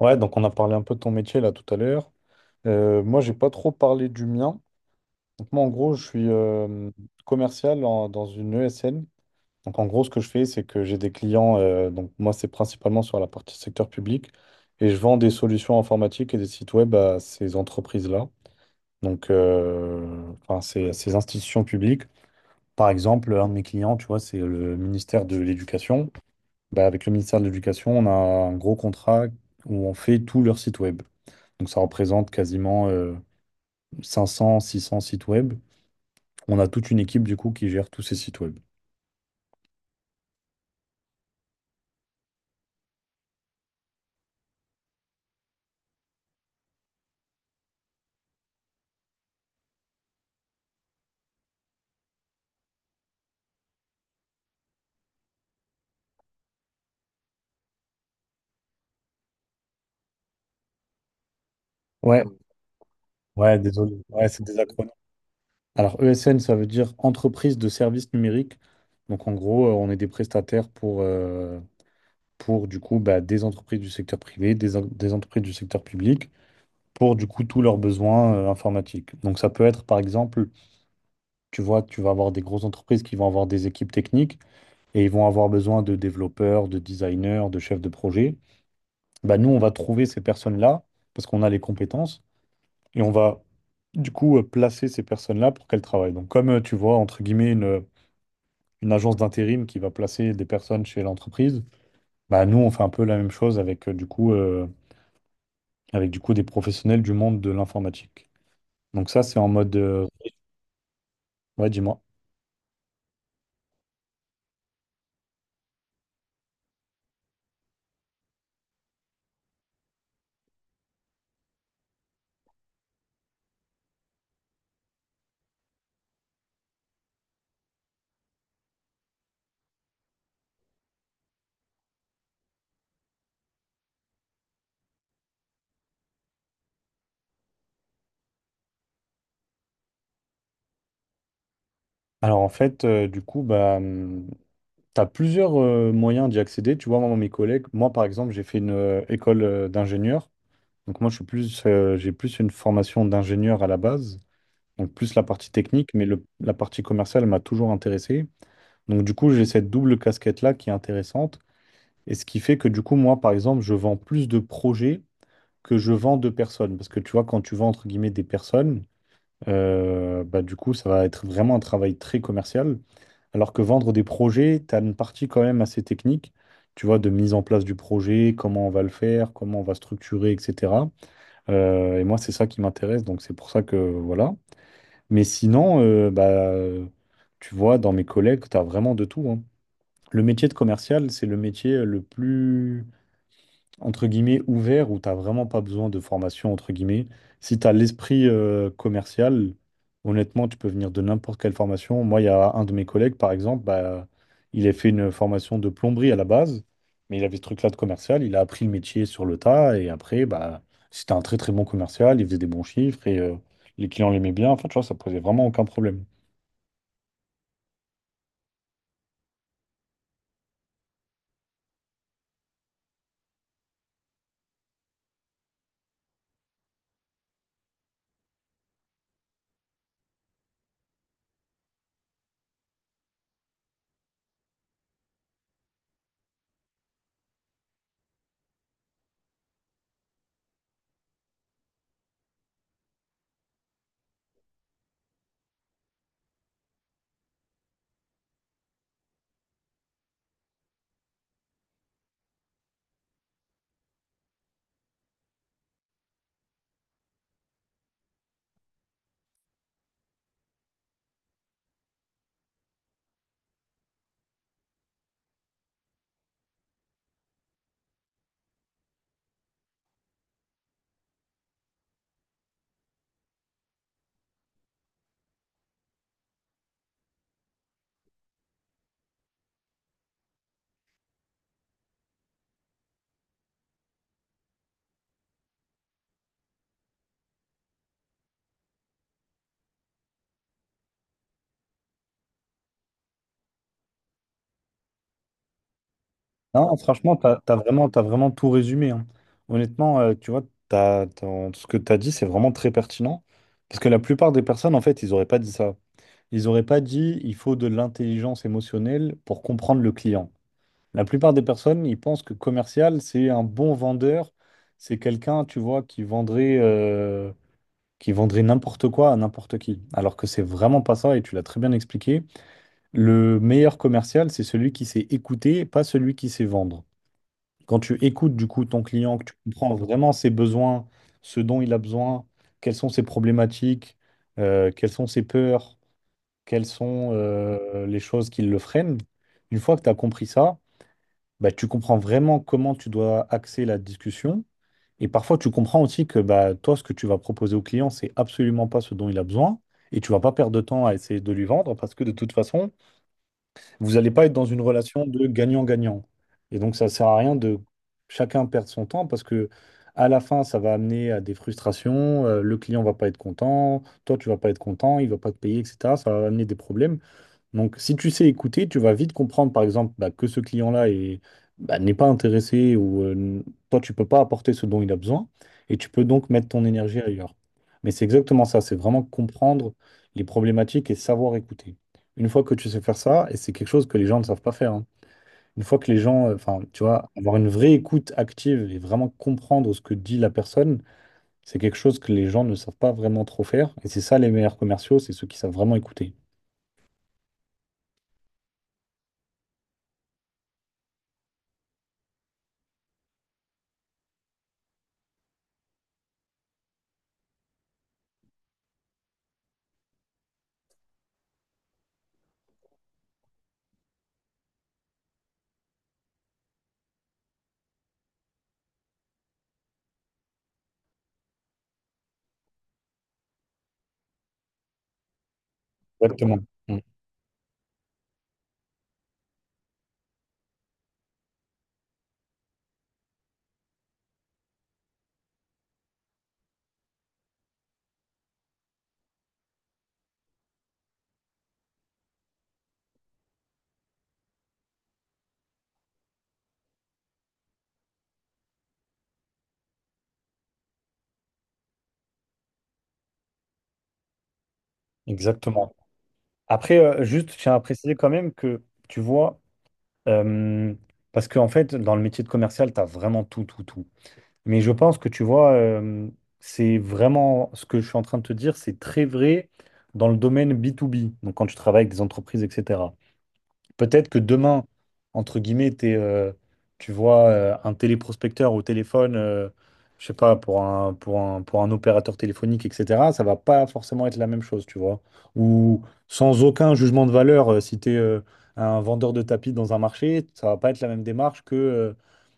Ouais, donc on a parlé un peu de ton métier là tout à l'heure. Moi, j'ai pas trop parlé du mien. Donc moi, en gros, je suis commercial dans une ESN. Donc en gros, ce que je fais, c'est que j'ai des clients. Donc moi, c'est principalement sur la partie secteur public et je vends des solutions informatiques et des sites web à ces entreprises-là. Donc, ces institutions publiques. Par exemple, un de mes clients, tu vois, c'est le ministère de l'Éducation. Bah, avec le ministère de l'Éducation, on a un gros contrat où on fait tout leur site web. Donc ça représente quasiment 500, 600 sites web. On a toute une équipe du coup qui gère tous ces sites web. Ouais, ouais, désolé. Ouais, c'est des acronymes. Alors ESN, ça veut dire entreprise de services numériques. Donc en gros, on est des prestataires pour du coup bah, des entreprises du secteur privé, des entreprises du secteur public, pour du coup tous leurs besoins informatiques. Donc ça peut être par exemple, tu vois, tu vas avoir des grosses entreprises qui vont avoir des équipes techniques et ils vont avoir besoin de développeurs, de designers, de chefs de projet. Bah, nous, on va trouver ces personnes-là parce qu'on a les compétences et on va du coup placer ces personnes-là pour qu'elles travaillent. Donc, comme tu vois, entre guillemets, une agence d'intérim qui va placer des personnes chez l'entreprise, bah, nous, on fait un peu la même chose avec avec du coup des professionnels du monde de l'informatique. Donc, ça, c'est en mode. Ouais, dis-moi. Alors, en fait, tu as plusieurs moyens d'y accéder. Tu vois, moi, mes collègues, moi, par exemple, j'ai fait une école d'ingénieur. Donc moi, je suis j'ai plus une formation d'ingénieur à la base, donc plus la partie technique, mais la partie commerciale m'a toujours intéressé. Donc du coup, j'ai cette double casquette-là qui est intéressante. Et ce qui fait que du coup, moi, par exemple, je vends plus de projets que je vends de personnes. Parce que tu vois, quand tu vends, entre guillemets, des personnes, bah, du coup, ça va être vraiment un travail très commercial. Alors que vendre des projets, tu as une partie quand même assez technique, tu vois, de mise en place du projet, comment on va le faire, comment on va structurer, etc. Et moi, c'est ça qui m'intéresse, donc c'est pour ça que voilà. Mais sinon, tu vois, dans mes collègues, tu as vraiment de tout, hein. Le métier de commercial, c'est le métier le plus entre guillemets, ouvert où tu n'as vraiment pas besoin de formation, entre guillemets. Si tu as l'esprit commercial, honnêtement, tu peux venir de n'importe quelle formation. Moi, il y a un de mes collègues, par exemple, bah, il a fait une formation de plomberie à la base, mais il avait ce truc-là de commercial. Il a appris le métier sur le tas et après, bah, c'était un très très bon commercial. Il faisait des bons chiffres et les clients l'aimaient bien. Enfin, tu vois, ça posait vraiment aucun problème. Non, franchement, t'as vraiment tout résumé, hein. Honnêtement, tu vois, ce que t'as dit, c'est vraiment très pertinent. Parce que la plupart des personnes, en fait, ils n'auraient pas dit ça. Ils n'auraient pas dit, il faut de l'intelligence émotionnelle pour comprendre le client. La plupart des personnes, ils pensent que commercial, c'est un bon vendeur. C'est quelqu'un, tu vois, qui vendrait n'importe quoi à n'importe qui. Alors que c'est vraiment pas ça, et tu l'as très bien expliqué. Le meilleur commercial, c'est celui qui sait écouter, pas celui qui sait vendre. Quand tu écoutes du coup ton client, que tu comprends vraiment ses besoins, ce dont il a besoin, quelles sont ses problématiques, quelles sont ses peurs, quelles sont les choses qui le freinent, une fois que tu as compris ça, bah, tu comprends vraiment comment tu dois axer la discussion. Et parfois, tu comprends aussi que bah, toi, ce que tu vas proposer au client, c'est absolument pas ce dont il a besoin. Et tu vas pas perdre de temps à essayer de lui vendre parce que de toute façon, vous n'allez pas être dans une relation de gagnant-gagnant. Et donc, ça ne sert à rien de chacun perdre son temps parce que à la fin, ça va amener à des frustrations. Le client va pas être content, toi, tu vas pas être content, il va pas te payer, etc. Ça va amener des problèmes. Donc, si tu sais écouter, tu vas vite comprendre, par exemple, bah, que ce client-là est- bah, n'est pas intéressé ou toi, tu peux pas apporter ce dont il a besoin et tu peux donc mettre ton énergie ailleurs. Mais c'est exactement ça, c'est vraiment comprendre les problématiques et savoir écouter. Une fois que tu sais faire ça, et c'est quelque chose que les gens ne savent pas faire, hein. Une fois que les gens, enfin, tu vois, avoir une vraie écoute active et vraiment comprendre ce que dit la personne, c'est quelque chose que les gens ne savent pas vraiment trop faire. Et c'est ça les meilleurs commerciaux, c'est ceux qui savent vraiment écouter. Exactement. Mm. Exactement. Après, juste, je tiens à préciser quand même que, tu vois, euh, parce qu'en fait, dans le métier de commercial, tu as vraiment tout, tout, tout. Mais je pense que, tu vois, c'est vraiment ce que je suis en train de te dire, c'est très vrai dans le domaine B2B, donc quand tu travailles avec des entreprises, etc. Peut-être que demain, entre guillemets, tu vois un téléprospecteur au téléphone, je sais pas, pour un opérateur téléphonique, etc., ça va pas forcément être la même chose, tu vois. Ou sans aucun jugement de valeur, si tu es un vendeur de tapis dans un marché, ça va pas être la même démarche que,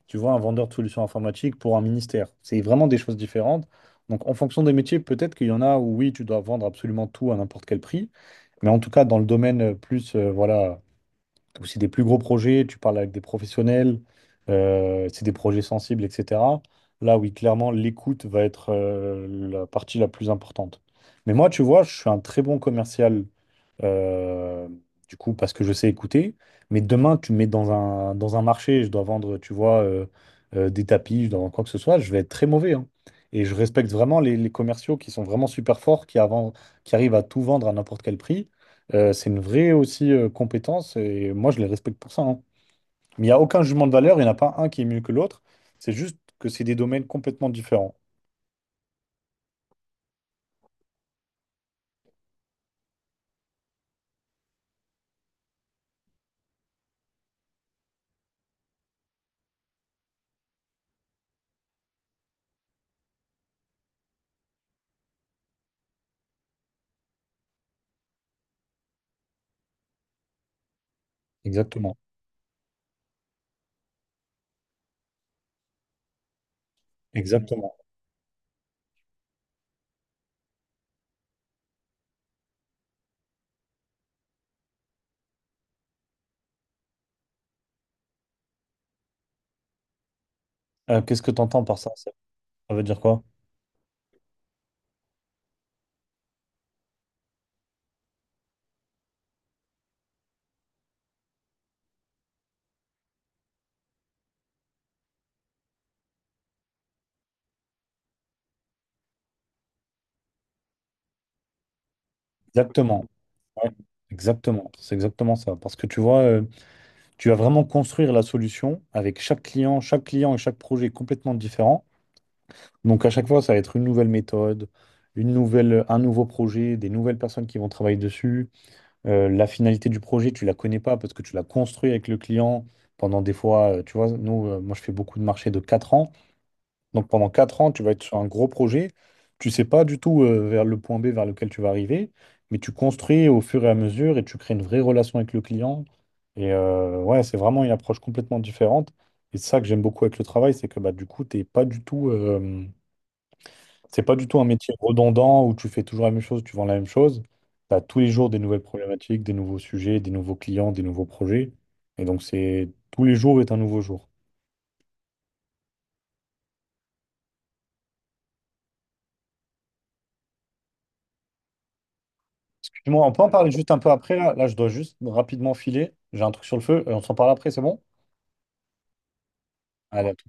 tu vois, un vendeur de solutions informatiques pour un ministère. C'est vraiment des choses différentes. Donc, en fonction des métiers, peut-être qu'il y en a où, oui, tu dois vendre absolument tout à n'importe quel prix. Mais en tout cas, dans le domaine voilà ou c'est des plus gros projets, tu parles avec des professionnels, c'est des projets sensibles, etc. Là, oui, clairement, l'écoute va être la partie la plus importante. Mais moi, tu vois, je suis un très bon commercial, euh, du coup, parce que je sais écouter. Mais demain, tu me mets dans un marché, je dois vendre, tu vois, des tapis, je dois vendre quoi que ce soit, je vais être très mauvais, hein. Et je respecte vraiment les commerciaux qui sont vraiment super forts, qui, avant, qui arrivent à tout vendre à n'importe quel prix. C'est une vraie aussi compétence et moi je les respecte pour ça, hein. Mais il n'y a aucun jugement de valeur, il n'y en a pas un qui est mieux que l'autre. C'est juste que c'est des domaines complètement différents. Exactement. Exactement. Qu'est-ce que tu entends par ça? Ça veut dire quoi? Exactement. Ouais, Exactement. C'est exactement ça. Parce que tu vois, tu vas vraiment construire la solution avec chaque client et chaque projet est complètement différent. Donc à chaque fois, ça va être une nouvelle méthode, un nouveau projet, des nouvelles personnes qui vont travailler dessus. La finalité du projet, tu la connais pas parce que tu l'as construit avec le client pendant des fois, moi je fais beaucoup de marchés de 4 ans. Donc pendant 4 ans, tu vas être sur un gros projet. Tu sais pas du tout vers le point B vers lequel tu vas arriver, mais tu construis au fur et à mesure et tu crées une vraie relation avec le client. Et ouais, c'est vraiment une approche complètement différente. Et c'est ça que j'aime beaucoup avec le travail, c'est que bah, du coup, t'es pas du tout, c'est pas du tout un métier redondant où tu fais toujours la même chose, tu vends la même chose. Tu as tous les jours des nouvelles problématiques, des nouveaux sujets, des nouveaux clients, des nouveaux projets. Et donc, c'est tous les jours est un nouveau jour. Dis-moi, on peut en parler juste un peu après là. Là, je dois juste rapidement filer. J'ai un truc sur le feu. On s'en parle après, c'est bon? Allez, à tout.